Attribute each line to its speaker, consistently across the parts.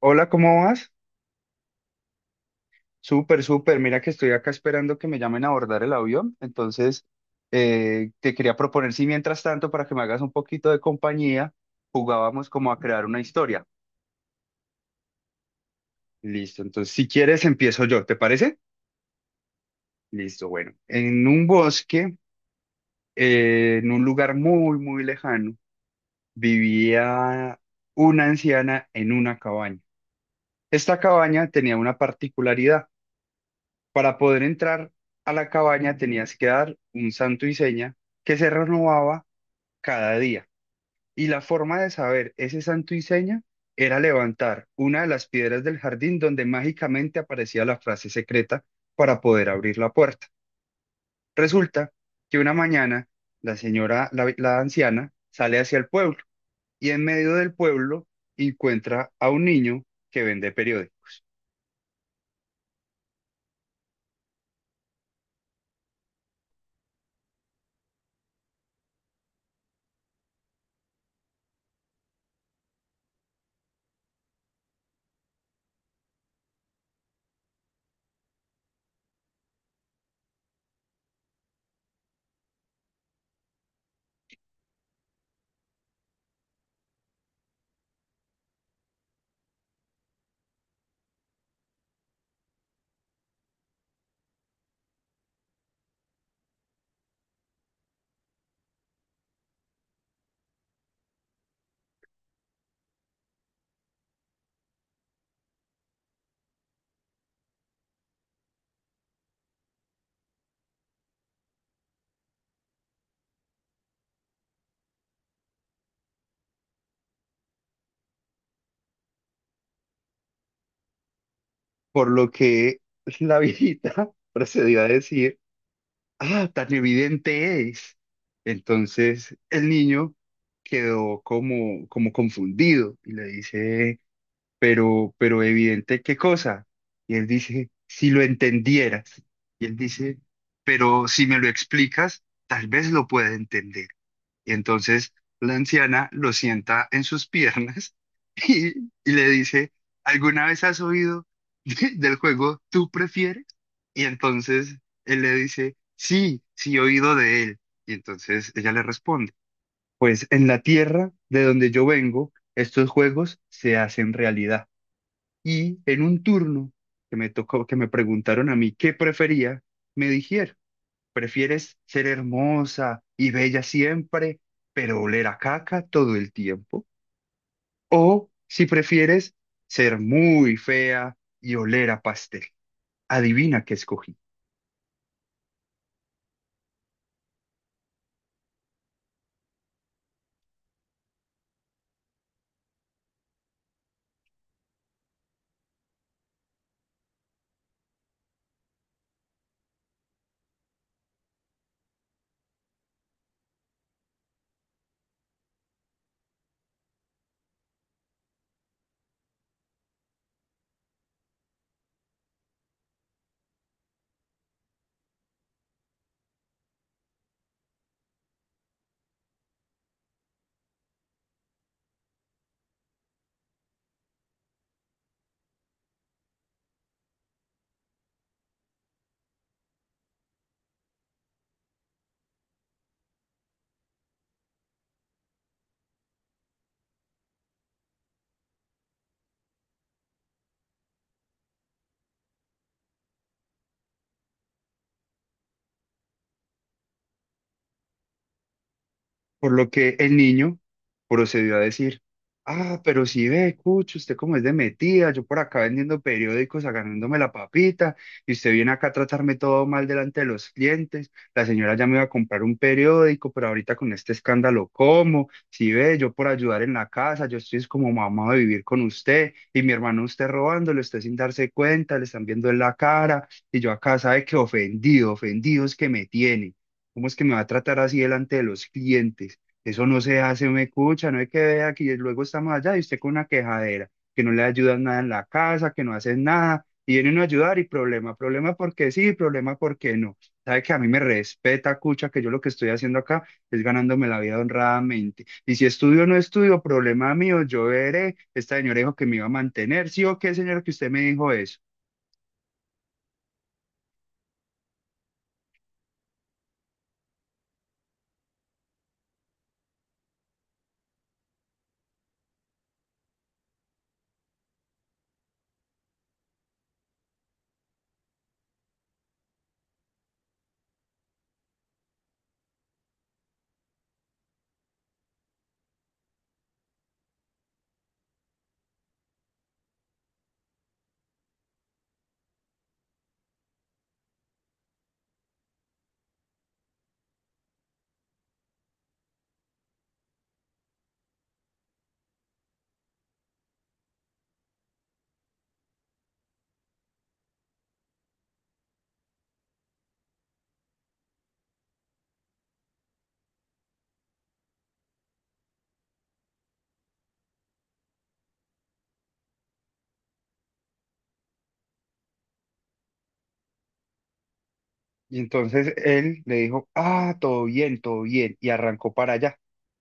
Speaker 1: Hola, ¿cómo vas? Súper, súper. Mira que estoy acá esperando que me llamen a abordar el avión. Entonces, te quería proponer si mientras tanto, para que me hagas un poquito de compañía, jugábamos como a crear una historia. Listo. Entonces, si quieres, empiezo yo. ¿Te parece? Listo. Bueno, en un bosque, en un lugar muy, muy lejano, vivía una anciana en una cabaña. Esta cabaña tenía una particularidad. Para poder entrar a la cabaña tenías que dar un santo y seña que se renovaba cada día. Y la forma de saber ese santo y seña era levantar una de las piedras del jardín donde mágicamente aparecía la frase secreta para poder abrir la puerta. Resulta que una mañana la señora, la anciana, sale hacia el pueblo y en medio del pueblo encuentra a un niño que vende periódico, por lo que la viejita procedió a decir: ah, tan evidente es. Entonces el niño quedó como, como confundido y le dice, pero evidente, ¿qué cosa? Y él dice, si lo entendieras. Y él dice, pero si me lo explicas, tal vez lo pueda entender. Y entonces la anciana lo sienta en sus piernas y, y le dice, ¿alguna vez has oído del juego Tú prefieres? Y entonces él le dice, sí, sí he oído de él. Y entonces ella le responde, pues en la tierra de donde yo vengo, estos juegos se hacen realidad. Y en un turno que me tocó, que me preguntaron a mí qué prefería, me dijeron. ¿Prefieres ser hermosa y bella siempre, pero oler a caca todo el tiempo? O si prefieres ser muy fea y oler a pastel. Adivina qué escogí. Por lo que el niño procedió a decir, ah, pero si ve, Cucho, usted cómo es de metida, yo por acá vendiendo periódicos, ganándome la papita, y usted viene acá a tratarme todo mal delante de los clientes, la señora ya me iba a comprar un periódico, pero ahorita con este escándalo, ¿cómo? Si ve, yo por ayudar en la casa, yo estoy es como mamá de vivir con usted, y mi hermano usted robándole, usted sin darse cuenta, le están viendo en la cara, y yo acá sabe que ofendido, ofendido es que me tiene. ¿Cómo es que me va a tratar así delante de los clientes? Eso no se hace, me escucha, no hay que ver aquí. Y luego estamos allá y usted con una quejadera, que no le ayudan nada en la casa, que no hacen nada, y viene uno a ayudar y problema, problema porque sí, problema porque no. Sabe que a mí me respeta, cucha, que yo lo que estoy haciendo acá es ganándome la vida honradamente. Y si estudio o no estudio, problema mío, yo veré. Esta señora dijo que me iba a mantener, ¿sí o qué, señora, que usted me dijo eso? Y entonces él le dijo, ah, todo bien, y arrancó para allá.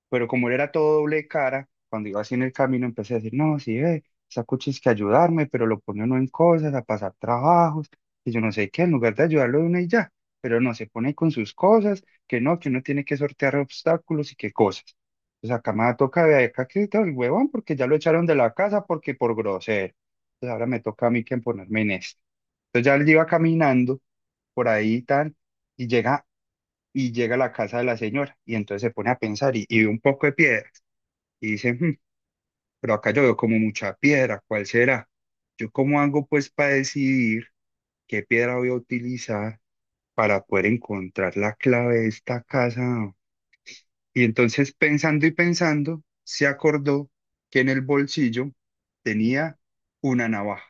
Speaker 1: Pero como él era todo doble cara, cuando iba así en el camino empecé a decir, no, sí, ve, esa cuchi es que ayudarme, pero lo pone uno en cosas, a pasar trabajos, y yo no sé qué, en lugar de ayudarlo de una y ya, pero no, se pone con sus cosas, que no, que uno tiene que sortear obstáculos y qué cosas. Pues acá me toca de acá que todo el huevón, porque ya lo echaron de la casa porque por grosero. Entonces ahora me toca a mí que ponerme en esto. Entonces ya él iba caminando por ahí tan, y llega, y llega a la casa de la señora, y entonces se pone a pensar y ve un poco de piedras, y dice, "Hmm, pero acá yo veo como mucha piedra, ¿cuál será? ¿Yo cómo hago pues para decidir qué piedra voy a utilizar para poder encontrar la clave de esta casa? Y entonces pensando y pensando, se acordó que en el bolsillo tenía una navaja.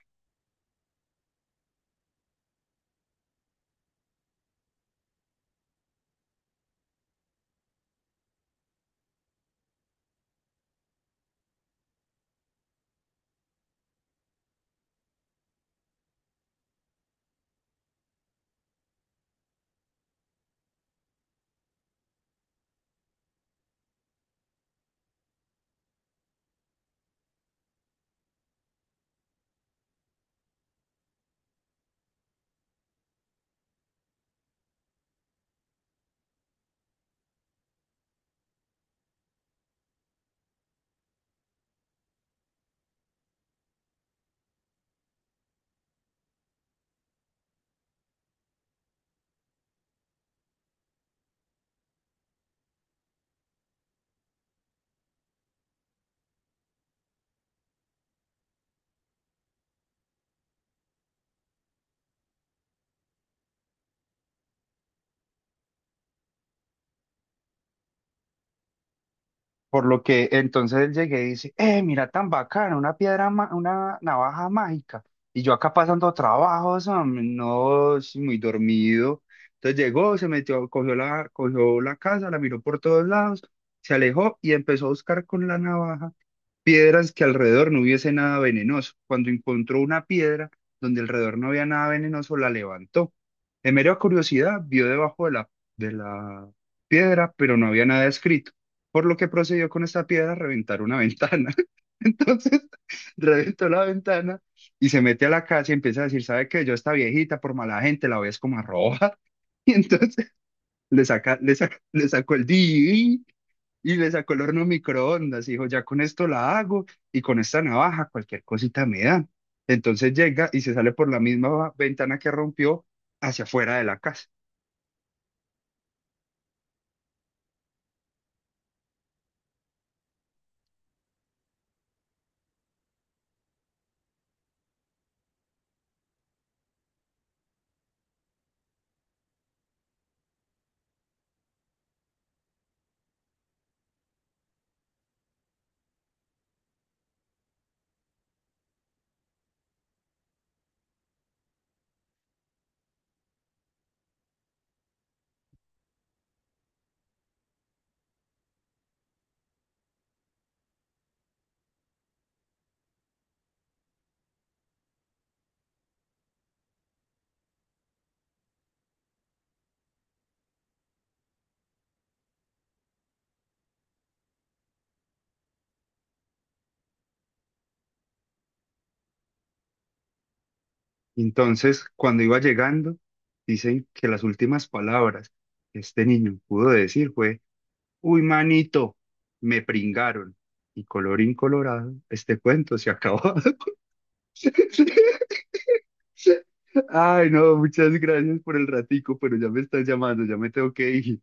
Speaker 1: Por lo que entonces él llegué y dice, mira tan bacana, una piedra, una navaja mágica. Y yo acá pasando trabajos, hombre, no, sí, muy dormido. Entonces llegó, se metió, cogió la casa, la miró por todos lados, se alejó y empezó a buscar con la navaja piedras que alrededor no hubiese nada venenoso. Cuando encontró una piedra donde alrededor no había nada venenoso, la levantó. De mera curiosidad, vio debajo de la piedra, pero no había nada escrito, por lo que procedió con esta piedra a reventar una ventana. Entonces, reventó la ventana y se mete a la casa y empieza a decir, ¿sabe qué? Yo esta viejita, por mala gente, la ves como a robar. Y entonces le sacó el DVD y le sacó el horno microondas y dijo, ya con esto la hago y con esta navaja cualquier cosita me dan. Entonces llega y se sale por la misma ventana que rompió hacia afuera de la casa. Entonces, cuando iba llegando, dicen que las últimas palabras que este niño pudo decir fue, uy, manito, me pringaron. Y colorín colorado, este cuento se acabó. Ay, no, muchas gracias por el ratico, pero ya me estás llamando, ya me tengo que ir.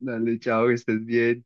Speaker 1: Dale, chao, que estés bien.